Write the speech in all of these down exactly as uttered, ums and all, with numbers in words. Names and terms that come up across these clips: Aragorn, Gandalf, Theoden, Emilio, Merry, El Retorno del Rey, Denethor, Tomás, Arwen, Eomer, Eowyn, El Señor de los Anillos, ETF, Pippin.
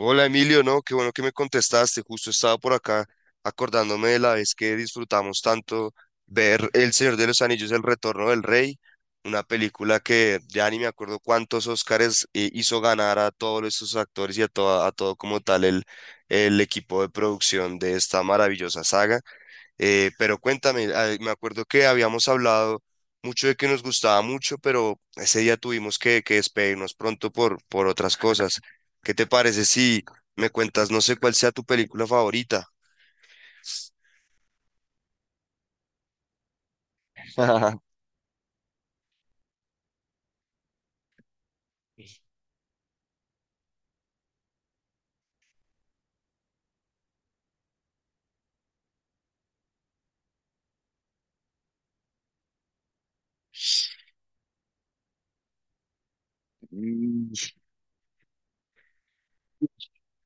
Hola Emilio, no, qué bueno que me contestaste. Justo estaba por acá acordándome de la vez que disfrutamos tanto ver El Señor de los Anillos, El Retorno del Rey, una película que ya ni me acuerdo cuántos Óscares eh, hizo ganar a todos esos actores y a, toda- a todo como tal el, el equipo de producción de esta maravillosa saga. Eh, pero cuéntame, ah, me acuerdo que habíamos hablado mucho de que nos gustaba mucho, pero ese día tuvimos que, que despedirnos pronto por, por otras cosas. ¿Qué te parece si me cuentas, no sé cuál sea tu película favorita? Mm.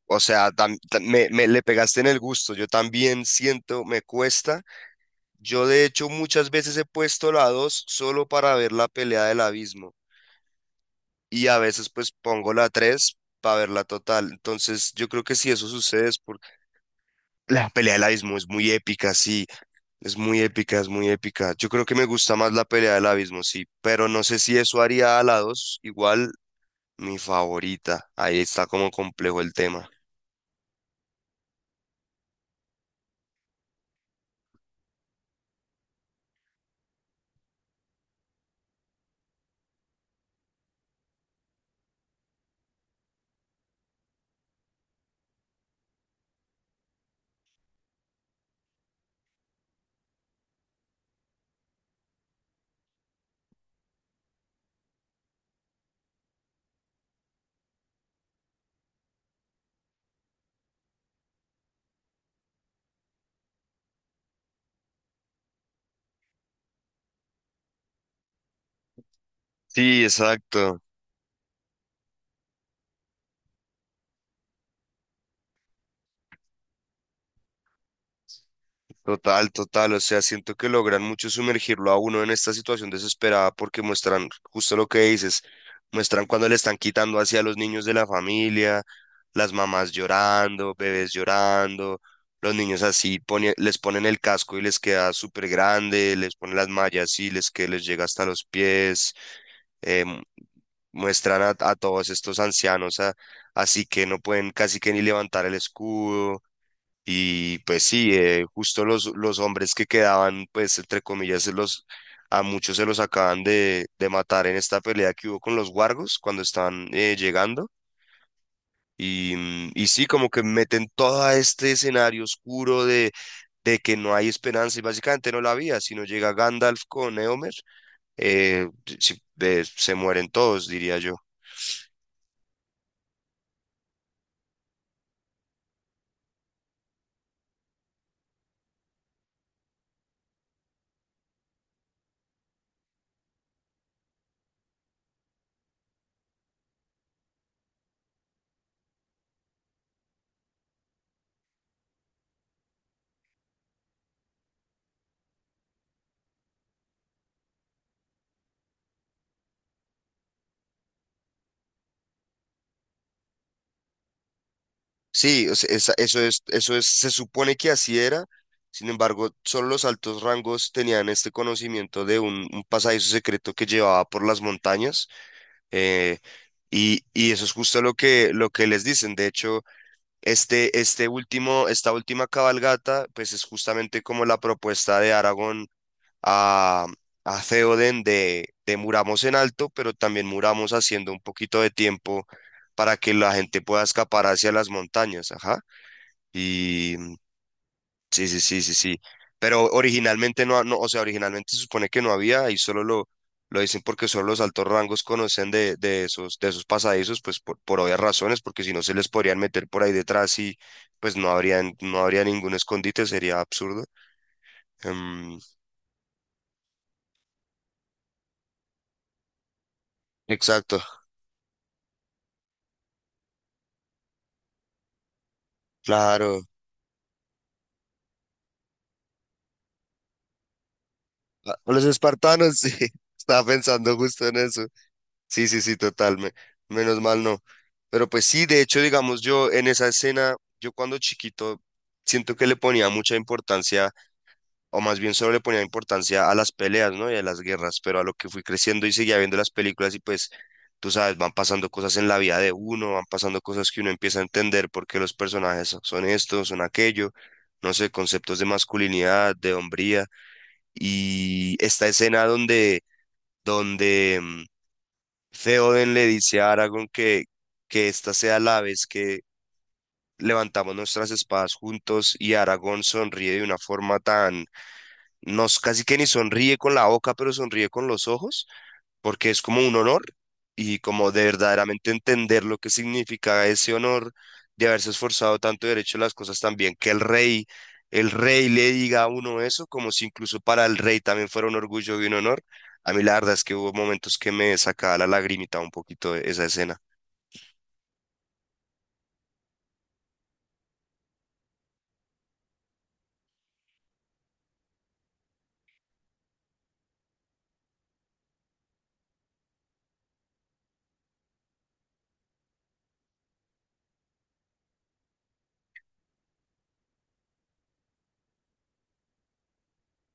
O sea, tam- tam- me, me le pegaste en el gusto. Yo también siento, me cuesta. Yo de hecho muchas veces he puesto la dos solo para ver la pelea del abismo, y a veces pues pongo la tres para ver la total. Entonces yo creo que si eso sucede es... La pelea del abismo es muy épica, sí, es muy épica, es muy épica. Yo creo que me gusta más la pelea del abismo, sí, pero no sé si eso haría a la dos igual mi favorita. Ahí está como complejo el tema. Sí, exacto. Total, total, o sea, siento que logran mucho sumergirlo a uno en esta situación desesperada porque muestran justo lo que dices, muestran cuando le están quitando hacia a los niños de la familia, las mamás llorando, bebés llorando, los niños así pone- les ponen el casco y les queda súper grande, les ponen las mallas y les que les llega hasta los pies, eh, mu- muestran a, a todos estos ancianos a- así que no pueden casi que ni levantar el escudo y pues sí, eh, justo los, los hombres que quedaban, pues entre comillas, se los, a muchos se los acaban de, de matar en esta pelea que hubo con los Wargos cuando están eh, llegando. Y, mm, y sí, como que meten todo este escenario oscuro de, de que no hay esperanza y básicamente no la había. Si no llega Gandalf con Eomer, eh, si- eh, se mueren todos, diría yo. Sí, o sea, esa- eso es, eso es, se supone que así era. Sin embargo, solo los altos rangos tenían este conocimiento de un, un pasadizo secreto que llevaba por las montañas. eh, y, y eso es justo lo que, lo que les dicen. De hecho, este, este último, esta última cabalgata, pues es justamente como la propuesta de Aragón a, a Theoden de, de muramos en alto, pero también muramos haciendo un poquito de tiempo para que la gente pueda escapar hacia las montañas. Ajá. Y mm, sí, sí, sí, sí, sí. Pero originalmente no, ha- no, o sea, originalmente se supone que no había, y solo lo, lo dicen porque solo los altos rangos conocen de, de esos, de esos pasadizos, pues por, por obvias razones, porque si no se les podrían meter por ahí detrás y pues no habrían, no habría ningún escondite, sería absurdo. Em, exacto, claro. Ah, los espartanos, sí, estaba pensando justo en eso. Sí, sí, sí, total, me- menos mal no. Pero pues sí, de hecho, digamos, yo en esa escena, yo cuando chiquito, siento que le ponía mucha importancia, o más bien solo le ponía importancia a las peleas, ¿no? Y a las guerras, pero a lo que fui creciendo y seguía viendo las películas y pues, tú sabes, van pasando cosas en la vida de uno, van pasando cosas que uno empieza a entender porque los personajes so, son estos, son aquello, no sé, conceptos de masculinidad, de hombría, y esta escena donde, donde... mm, Theoden le dice a Aragorn que, que esta sea la vez que levantamos nuestras espadas juntos y Aragorn sonríe de una forma tan, no casi que ni sonríe con la boca, pero sonríe con los ojos, porque es como un honor y como de verdaderamente entender lo que significa ese honor de haberse esforzado tanto y haber hecho las cosas tan bien, que el rey, el rey le diga a uno eso, como si incluso para el rey también fuera un orgullo y un honor. A mí la verdad es que hubo momentos que me sacaba la lagrimita un poquito esa escena.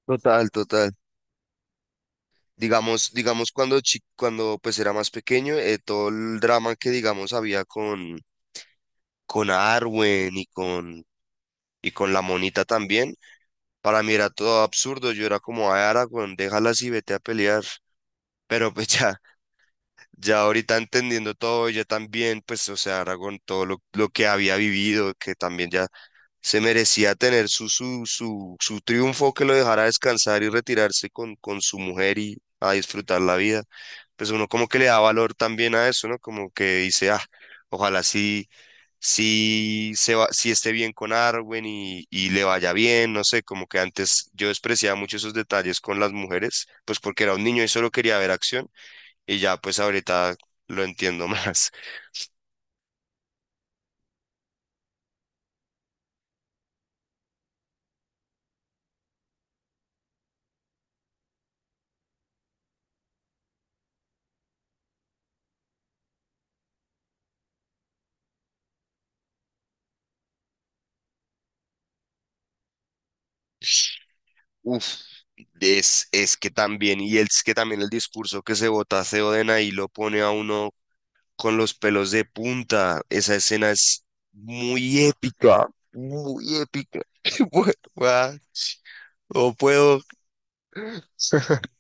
Total, total. Digamos, digamos cuando chi- cuando pues era más pequeño, eh, todo el drama que digamos había con con Arwen y con y con la monita también. Para mí era todo absurdo, yo era como, ay, Aragorn, déjala así, vete a pelear. Pero pues ya, ya ahorita entendiendo todo, ella también, pues, o sea, Aragorn, todo lo, lo que había vivido, que también ya se merecía tener su, su, su, su triunfo, que lo dejara descansar y retirarse con, con su mujer y a disfrutar la vida. Pues uno como que le da valor también a eso, ¿no? Como que dice, ah, ojalá sí si, se va, si esté bien con Arwen y, y le vaya bien, no sé, como que antes yo despreciaba mucho esos detalles con las mujeres, pues porque era un niño y solo quería ver acción, y ya pues ahorita lo entiendo más. Uf, es, es que también, y es que también el discurso que se bota Theoden ahí lo pone a uno con los pelos de punta, esa escena es muy épica, muy épica. Bueno, ah, no puedo.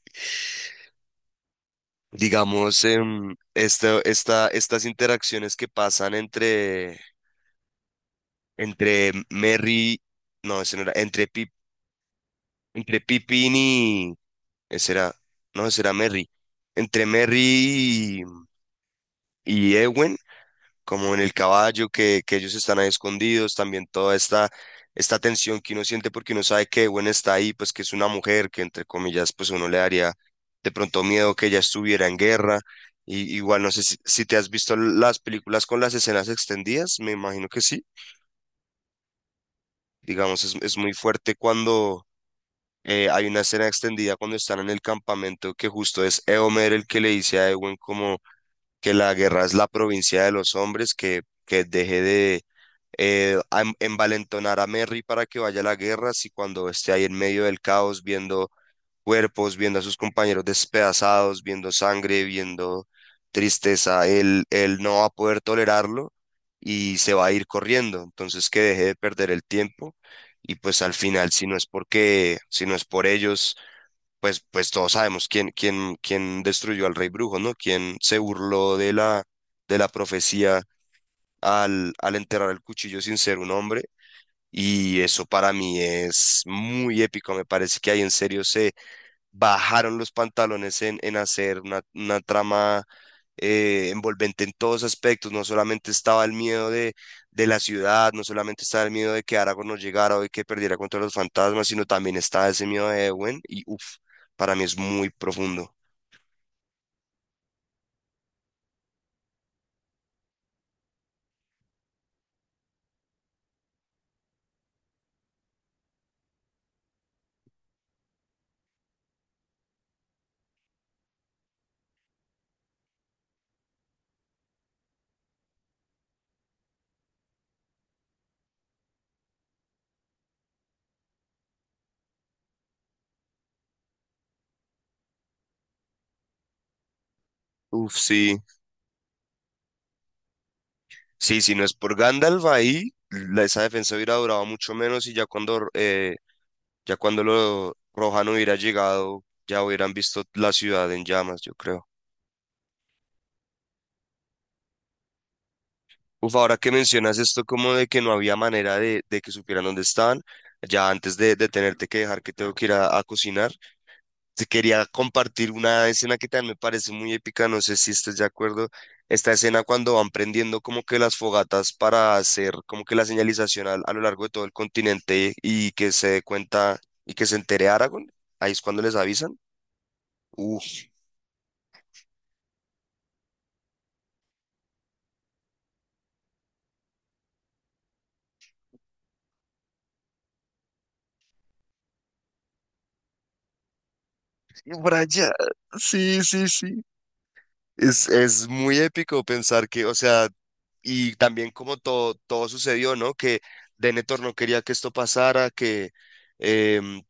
Digamos, em, esta, esta, estas interacciones que pasan entre, entre Merry, no, ese no era, entre, Pip, entre Pippin y, ese era, no, ese era Merry, entre Merry y, y Ewen como en el caballo, que, que ellos están ahí escondidos, también toda esta, esta tensión que uno siente porque uno sabe que Gwen está ahí, pues que es una mujer, que entre comillas, pues uno le daría de pronto miedo que ella estuviera en guerra. Y, igual no sé si, si te has visto las películas con las escenas extendidas, me imagino que sí. Digamos, es, es muy fuerte cuando eh, hay una escena extendida cuando están en el campamento, que justo es Eomer el que le dice a Ewen como que la guerra es la provincia de los hombres, que, que deje de eh, a- em- envalentonar a Merry para que vaya a la guerra, si cuando esté ahí en medio del caos, viendo cuerpos, viendo a sus compañeros despedazados, viendo sangre, viendo tristeza, él, él no va a poder tolerarlo y se va a ir corriendo. Entonces que deje de perder el tiempo y pues al final, si no es porque, si no es por ellos, pues, pues todos sabemos quién, quién, quién destruyó al rey brujo, ¿no? Quién se burló de la, de la profecía al, al enterrar el cuchillo sin ser un hombre. Y eso para mí es muy épico. Me parece que ahí en serio se bajaron los pantalones en, en hacer una, una trama eh, envolvente en todos aspectos. No solamente estaba el miedo de, de la ciudad, no solamente estaba el miedo de que Aragorn no llegara o de que perdiera contra los fantasmas, sino también estaba ese miedo de Ewen. Y uff, para mí es muy profundo. Uf, sí, sí, si no es por Gandalf ahí, la- esa defensa hubiera durado mucho menos y ya cuando eh, ya cuando los Rohan hubiera llegado, ya hubieran visto la ciudad en llamas, yo creo. Uf, ahora que mencionas esto como de que no había manera de, de que supieran dónde estaban, ya antes de, de tenerte que dejar que tengo que ir a, a cocinar, te quería compartir una escena que también me parece muy épica, no sé si estás de acuerdo. Esta escena cuando van prendiendo como que las fogatas para hacer como que la señalización al- a, lo largo de todo el continente y, que se dé cuenta y que se entere Aragorn, ahí es cuando les avisan. Brian, sí, sí, sí. Es, es muy épico pensar que, o sea, y también como todo, todo sucedió, ¿no? Que Denethor no quería que esto pasara, que em,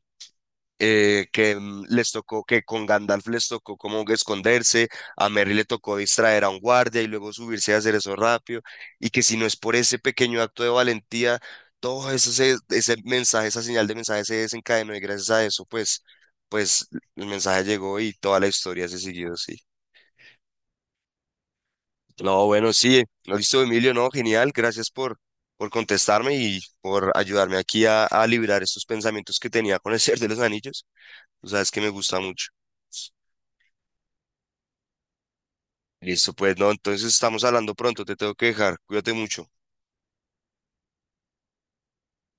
eh, que mm, les tocó, que con Gandalf les tocó como que esconderse, a Merry le tocó distraer a un guardia y luego subirse a hacer eso rápido, y que si no es por ese pequeño acto de valentía, todo eso se- ese mensaje, esa señal de mensaje se desencadenó y gracias a eso, pues, pues el mensaje llegó y toda la historia se siguió así. No, bueno, sí, no listo, Emilio, no, genial, gracias por, por contestarme y por ayudarme aquí a, a liberar estos pensamientos que tenía con El Señor de los Anillos. Tú sabes que me gusta mucho. Listo, pues no, entonces estamos hablando pronto, te tengo que dejar, cuídate mucho.